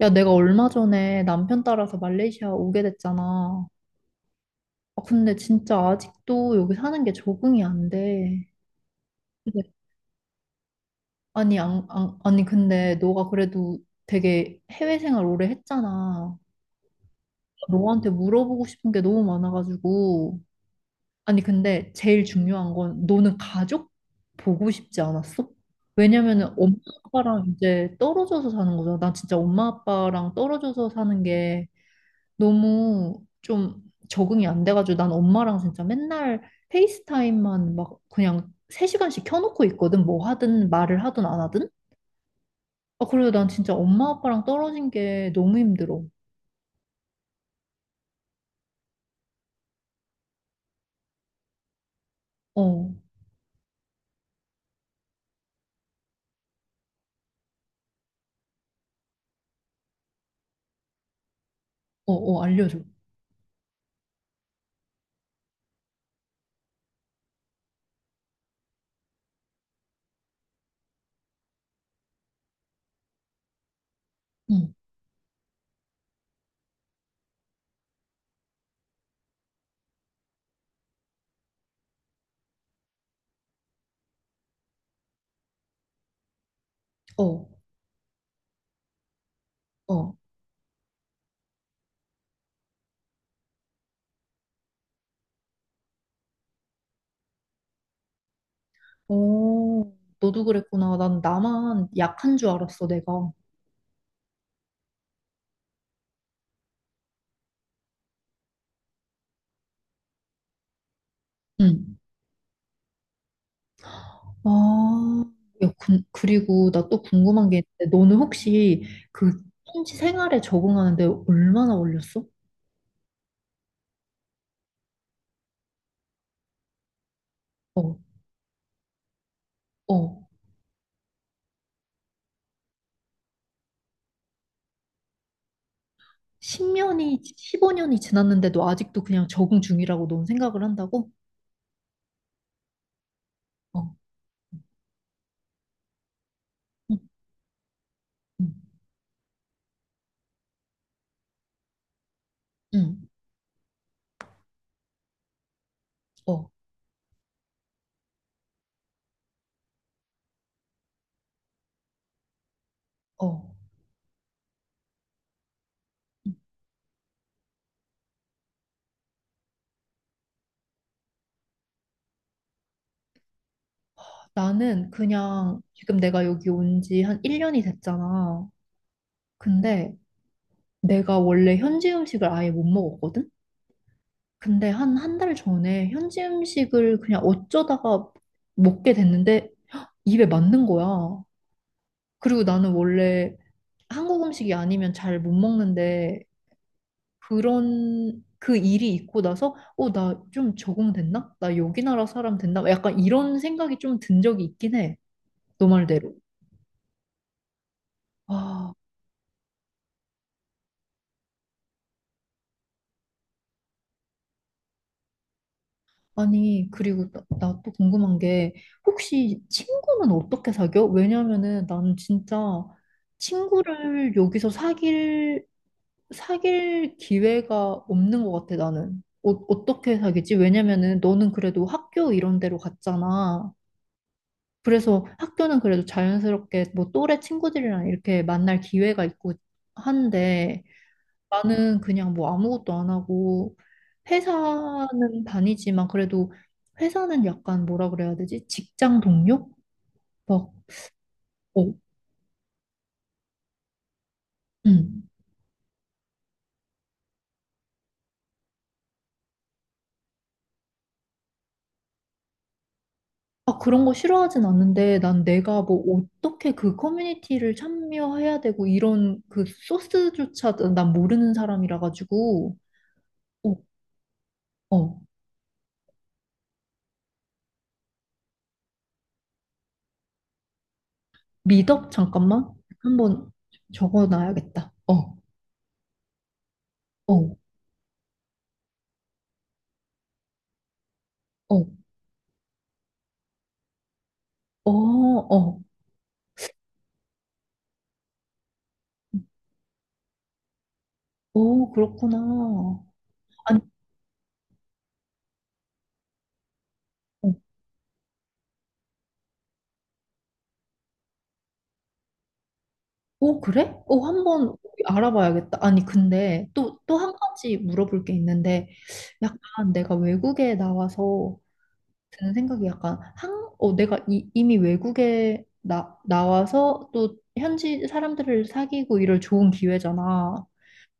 야, 내가 얼마 전에 남편 따라서 말레이시아 오게 됐잖아. 아, 근데 진짜 아직도 여기 사는 게 적응이 안 돼. 근데- 아니, 안, 안, 아니, 근데 너가 그래도 되게 해외 생활 오래 했잖아. 너한테 물어보고 싶은 게 너무 많아가지고. 아니, 근데 제일 중요한 건 너는 가족 보고 싶지 않았어? 왜냐면은 엄마 아빠랑 이제 떨어져서 사는 거잖아. 난 진짜 엄마 아빠랑 떨어져서 사는 게 너무 좀 적응이 안 돼가지고 난 엄마랑 진짜 맨날 페이스타임만 막 그냥 3시간씩 켜놓고 있거든. 뭐 하든 말을 하든 안 하든. 아, 그래요. 난 진짜 엄마 아빠랑 떨어진 게 너무 힘들어. 어, 어, 어, 알려줘. 응, 어, 어. 어, 너도 그랬구나. 난 나만 약한 줄 알았어, 내가. 응. 아, 야, 그리고 나 또 궁금한 게 있는데, 너는 혹시 그 현지 생활에 적응하는데 얼마나 걸렸어? 어, 어, 10년이, 15년이 지났는데도 아직도 그냥 적응 중이라고 넌 생각을 한다고? 어, 응, 응, 응, 어, 어. 나는 그냥 지금 내가 여기 온지 한 1년이 됐잖아. 근데 내가 원래 현지 음식을 아예 못 먹었거든? 근데 한 한 달 전에 현지 음식을 그냥 어쩌다가 먹게 됐는데 입에 맞는 거야. 그리고 나는 원래 한국 음식이 아니면 잘 못 먹는데 그런 그 일이 있고 나서 나 좀 적응됐나? 나 여기 나라 사람 됐나? 약간 이런 생각이 좀 든 적이 있긴 해. 너 말대로. 아, 아니, 그리고 나 또 궁금한 게 혹시 친구는 어떻게 사겨? 왜냐면은 나는 진짜 친구를 여기서 사귈 기회가 없는 것 같아, 나는. 어, 어떻게 사귀지? 왜냐면은 너는 그래도 학교 이런 데로 갔잖아. 그래서 학교는 그래도 자연스럽게 뭐 또래 친구들이랑 이렇게 만날 기회가 있고 한데 나는 그냥 뭐 아무것도 안 하고 회사는 다니지만 그래도 회사는 약간 뭐라 그래야 되지? 직장 동료? 막, 어, 음. 아, 그런 거 싫어하진 않는데 난 내가 뭐 어떻게 그 커뮤니티를 참여해야 되고 이런 그 소스조차 난 모르는 사람이라 가지고 어, 어. 미덕 잠깐만 한번 적어 놔야겠다. 어, 어, 어, 어, 어, 그렇구나. 아니, 어, 어, 그래? 한번 알아봐야겠다. 아니 근데 또 한 가지 물어볼 게 있는데 약간 내가 외국에 나와서 드는 생각이 약간 한, 어 내가 이미 외국에 나 나와서 또 현지 사람들을 사귀고 이럴 좋은 기회잖아.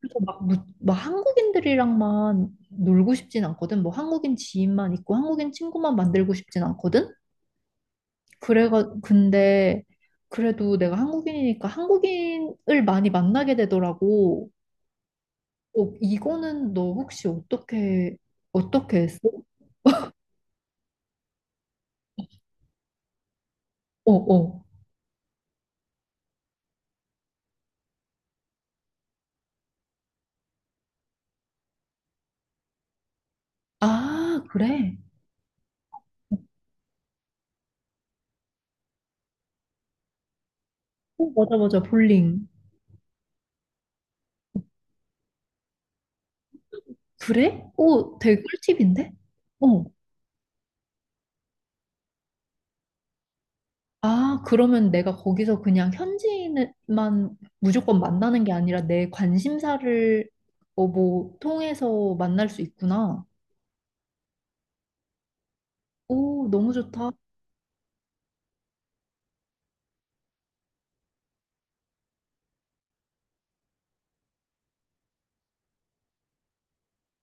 그래서 막 한국인들이랑만 놀고 싶진 않거든. 뭐 한국인 지인만 있고 한국인 친구만 만들고 싶진 않거든. 그래가 근데 그래도 내가 한국인이니까 한국인을 많이 만나게 되더라고. 어, 이거는 너 혹시 어떻게 했어? 어, 어. 아, 그래. 어, 맞아, 맞아. 볼링. 그래? 오, 되게 꿀팁인데? 어. 아, 그러면 내가 거기서 그냥 현지인만 무조건 만나는 게 아니라 내 관심사를 뭐 통해서 만날 수 있구나. 오, 너무 좋다.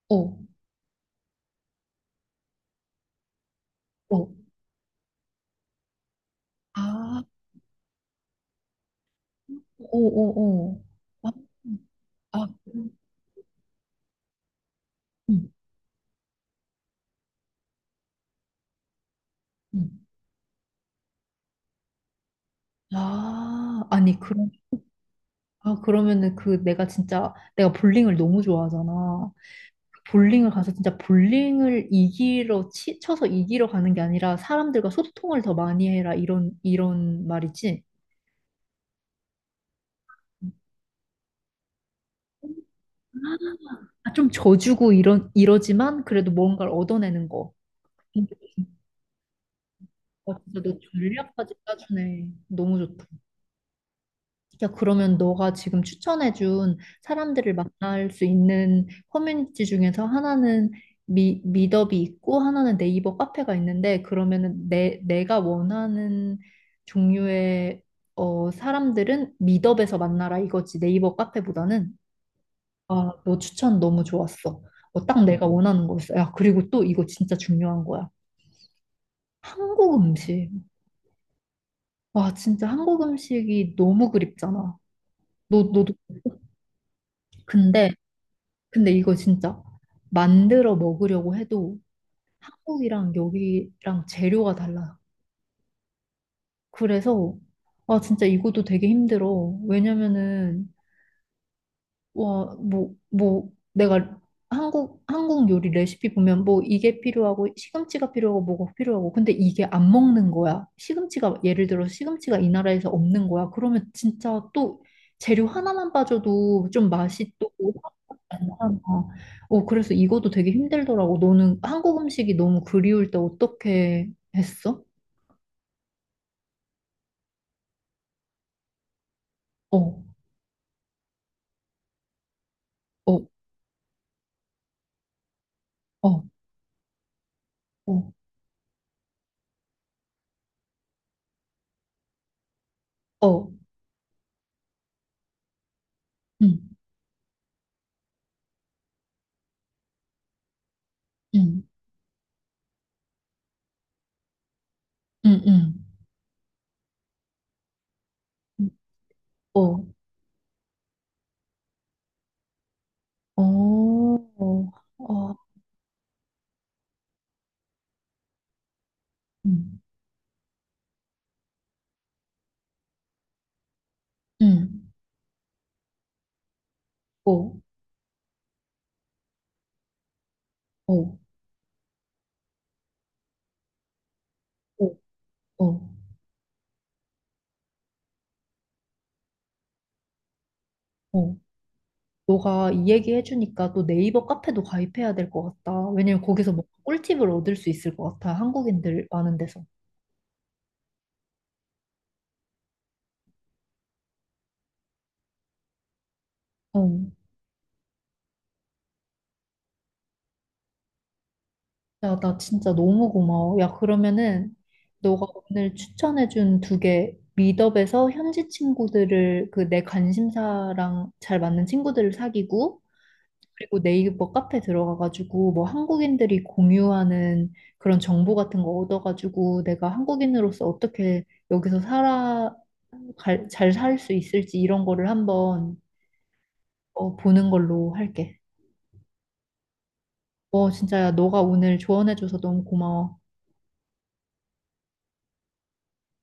어, 어. 아, 오, 오, 오. 아, 아, 음, 음. 음. 아, 아니, 그럼, 아, 그러면은 그 내가 진짜 내가 볼링을 너무 좋아하잖아. 볼링을 가서 진짜 볼링을 이기러 쳐서 이기러 가는 게 아니라 사람들과 소통을 더 많이 해라 이런 이런 말이지. 아, 좀 져주고 이런 이러지만 그래도 뭔가를 얻어내는 거. 음. 아, 진짜 너 전략까지 짜주네. 너무 좋다. 야, 그러면 너가 지금 추천해준 사람들을 만날 수 있는 커뮤니티 중에서 하나는 밋업이 있고 하나는 네이버 카페가 있는데 그러면은 내가 원하는 종류의 사람들은 밋업에서 만나라 이거지 네이버 카페보다는. 아, 너 추천 너무 좋았어. 어, 딱 내가 원하는 거였어. 야, 그리고 또 이거 진짜 중요한 거야. 한국 음식. 와, 진짜 한국 음식이 너무 그립잖아. 너도 근데 근데 이거 진짜 만들어 먹으려고 해도 한국이랑 여기랑 재료가 달라요. 그래서 진짜 이것도 되게 힘들어. 왜냐면은 와 뭐 내가 한국 요리 레시피 보면 뭐 이게 필요하고 시금치가 필요하고 뭐가 필요하고 근데 이게 안 먹는 거야. 시금치가 예를 들어 시금치가 이 나라에서 없는 거야. 그러면 진짜 또 재료 하나만 빠져도 좀 맛이 또 괜찮아. 어, 그래서 이것도 되게 힘들더라고. 너는 한국 음식이 너무 그리울 때 어떻게 했어? 어, 어, 어, 어, 어, 응, 응, 응, 응, 어, 어, 어, 어, 응, 응, 어, 어, 어, 어, 어. 너가 이 얘기 해주니까 또 네이버 카페도 가입해야 될 것 같다. 왜냐면 거기서 뭐 꿀팁을 얻을 수 있을 것 같아. 한국인들 많은 데서. 어. 야, 나 진짜 너무 고마워. 야, 그러면은 너가 오늘 추천해준 두 개 미드업에서 현지 친구들을 그 내 관심사랑 잘 맞는 친구들을 사귀고 그리고 네이버 카페 들어가가지고 뭐 한국인들이 공유하는 그런 정보 같은 거 얻어가지고 내가 한국인으로서 어떻게 여기서 살아 잘 살 수 있을지 이런 거를 한번 보는 걸로 할게. 진짜 야, 너가 오늘 조언해줘서 너무 고마워.